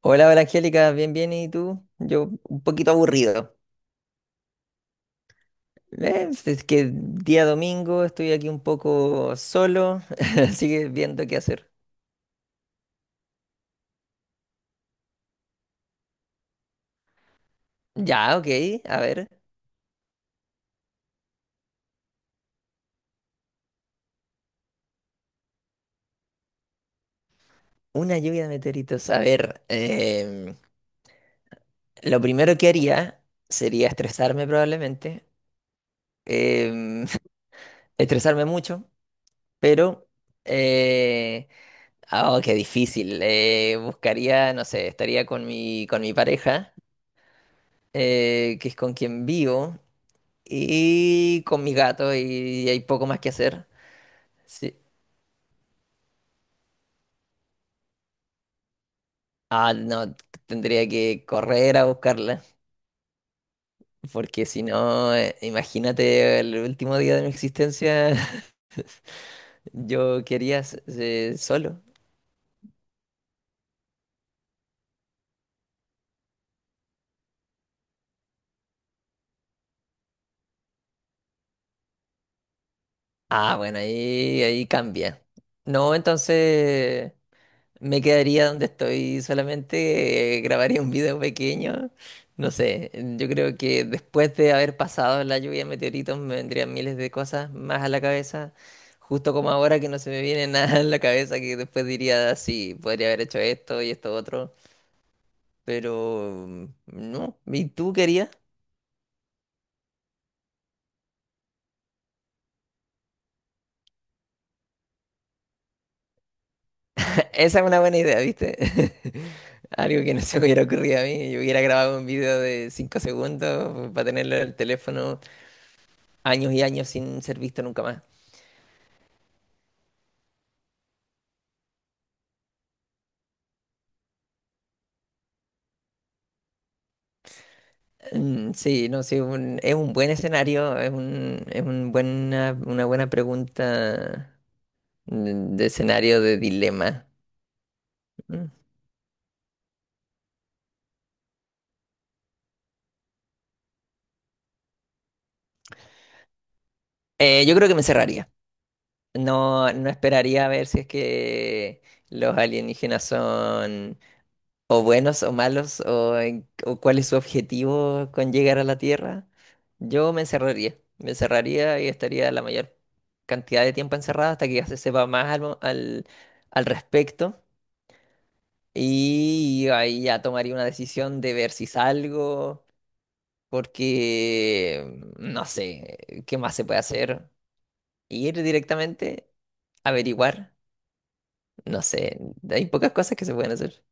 Hola, hola Angélica, bien, bien, ¿y tú? Yo un poquito aburrido. Es que día domingo estoy aquí un poco solo, así que viendo qué hacer. Ya, ok, a ver, una lluvia de meteoritos. A ver, lo primero que haría sería estresarme probablemente, em, estresarme mucho, pero... eh, oh, qué difícil. Buscaría, no sé, estaría con mi pareja, que es con quien vivo. Y con mis gatos y hay poco más que hacer. Sí. Ah, no, tendría que correr a buscarla, porque si no, imagínate el último día de mi existencia, yo quería solo. Ah, bueno, ahí cambia. No, entonces... Me quedaría donde estoy, solamente grabaría un video pequeño. No sé, yo creo que después de haber pasado la lluvia de meteoritos me vendrían miles de cosas más a la cabeza, justo como ahora que no se me viene nada en la cabeza, que después diría, sí, podría haber hecho esto y esto otro, pero no, ¿y tú querías? Esa es una buena idea, ¿viste? Algo que no se me hubiera ocurrido a mí, yo hubiera grabado un video de 5 segundos para tenerlo en el teléfono años y años sin ser visto nunca más. Mm, sí, no, sí, es un buen escenario, es un una buena pregunta de escenario de dilema. Mm. Yo creo que me encerraría. No, no esperaría a ver si es que los alienígenas son o buenos o malos o cuál es su objetivo con llegar a la Tierra. Yo me encerraría y estaría la mayor cantidad de tiempo encerrada hasta que ya se sepa más al, mo- al al respecto. Y ahí ya tomaría una decisión de ver si salgo, porque no sé, ¿qué más se puede hacer? Ir directamente, averiguar, no sé, hay pocas cosas que se pueden hacer.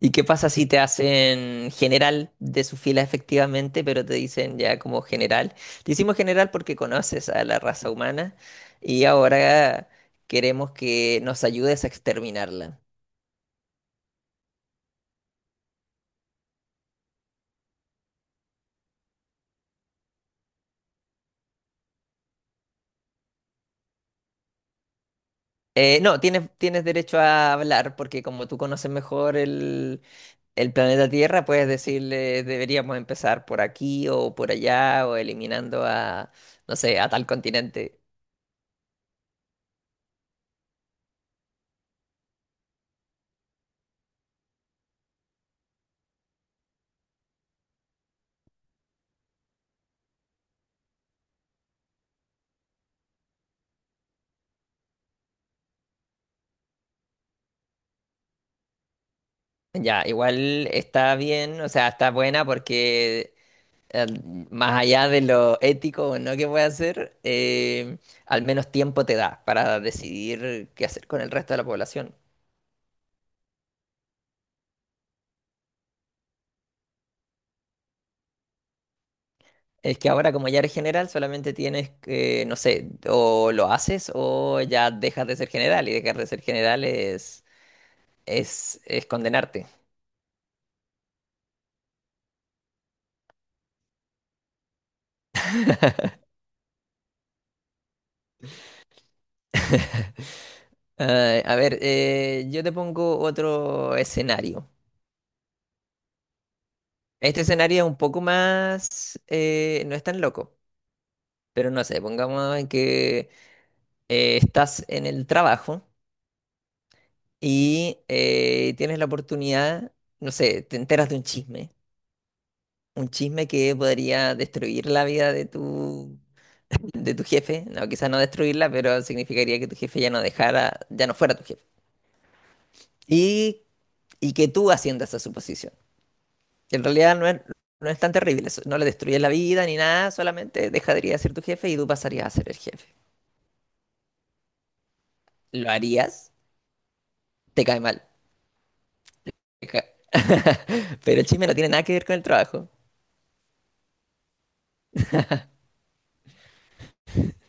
¿Y qué pasa si te hacen general de su fila efectivamente, pero te dicen ya como general? Te hicimos general porque conoces a la raza humana y ahora queremos que nos ayudes a exterminarla. No, tienes derecho a hablar porque como tú conoces mejor el planeta Tierra, puedes decirle deberíamos empezar por aquí o por allá o eliminando a, no sé, a tal continente. Ya, igual está bien, o sea, está buena porque eh, más allá de lo ético o no que puede hacer, al menos tiempo te da para decidir qué hacer con el resto de la población. Es que ahora como ya eres general, solamente tienes que, no sé, o lo haces o ya dejas de ser general y dejar de ser general es condenarte. Yo te pongo otro escenario. Este escenario es un poco más, no es tan loco, pero no sé, pongamos en que estás en el trabajo y tienes la oportunidad, no sé, te enteras de un chisme. Un chisme que podría destruir la vida de tu, de tu jefe. No, quizás no destruirla, pero significaría que tu jefe ya no dejara, ya no fuera tu jefe. Y, y que tú asciendas a su posición. En realidad no es tan terrible eso. No le destruyes la vida ni nada, solamente dejaría de ser tu jefe y tú pasarías a ser el jefe. ¿Lo harías? Te cae mal. Te ca- Pero el chisme no tiene nada que ver con el trabajo.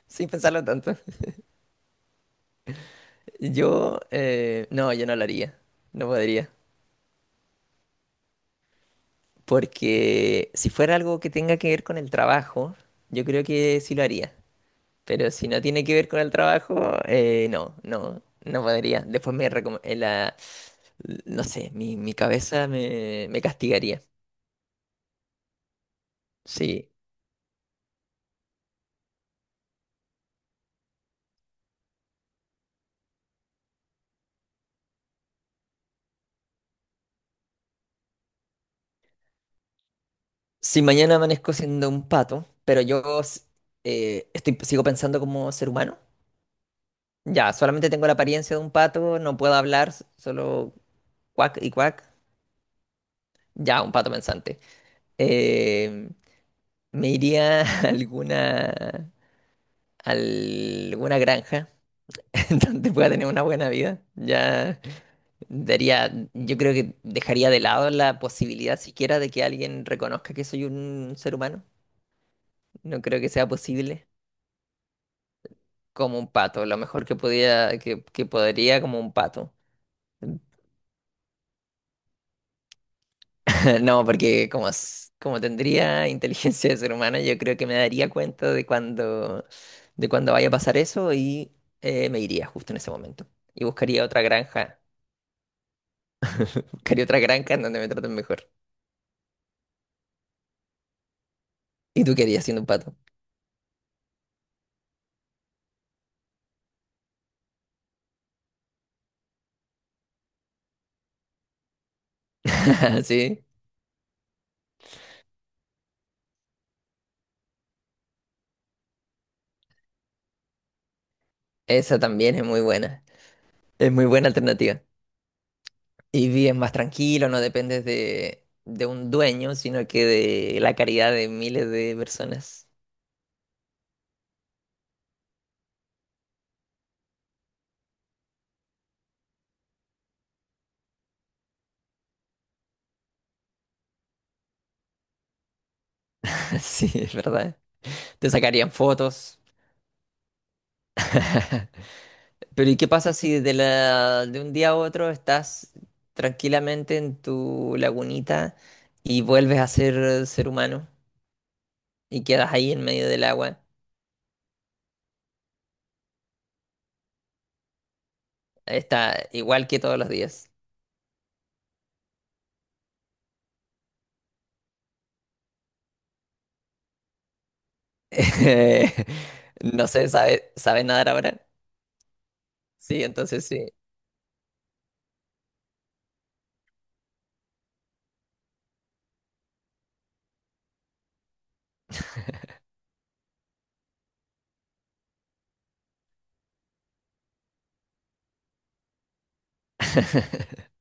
Sin pensarlo tanto. Yo, no, yo no lo haría. No podría. Porque si fuera algo que tenga que ver con el trabajo, yo creo que sí lo haría. Pero si no tiene que ver con el trabajo, no, no, no podría. Después me recom- la, no sé, mi cabeza me castigaría. Sí. Si mañana amanezco siendo un pato, pero yo estoy, sigo pensando como ser humano, ya, solamente tengo la apariencia de un pato, no puedo hablar, solo cuac y cuac, ya, un pato pensante. Eh, Me iría a alguna granja en donde pueda tener una buena vida. Ya daría, yo creo que dejaría de lado la posibilidad siquiera de que alguien reconozca que soy un ser humano. No creo que sea posible. Como un pato, lo mejor que podía, que podría como un pato. No, porque como tendría inteligencia de ser humano, yo creo que me daría cuenta de cuando vaya a pasar eso y me iría justo en ese momento. Y buscaría otra granja en donde me traten mejor. Y tú querías siendo un pato. Sí, esa también es muy buena. Es muy buena alternativa. Y vives más tranquilo, no dependes de un dueño, sino que de la caridad de miles de personas. Sí, es verdad. Te sacarían fotos. Pero ¿y qué pasa si de un día a otro estás tranquilamente en tu lagunita y vuelves a ser ser humano y quedas ahí en medio del agua? Está igual que todos los días. No sé, ¿sabe, sabe nadar ahora? Sí, entonces sí.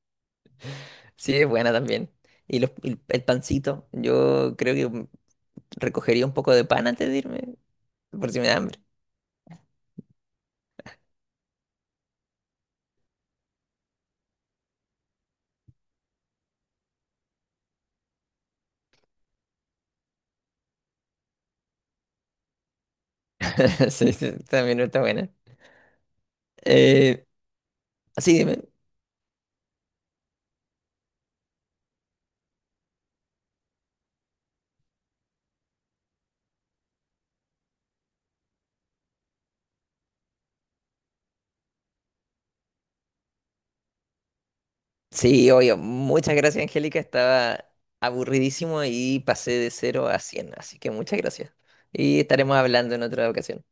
Sí, es buena también. El pancito, yo creo que recogería un poco de pan antes de irme, por si me da hambre. Sí, sí, también está buena. Eh, sí, dime. Sí, obvio. Muchas gracias, Angélica. Estaba aburridísimo y pasé de cero a 100. Así que muchas gracias. Y estaremos hablando en otra ocasión.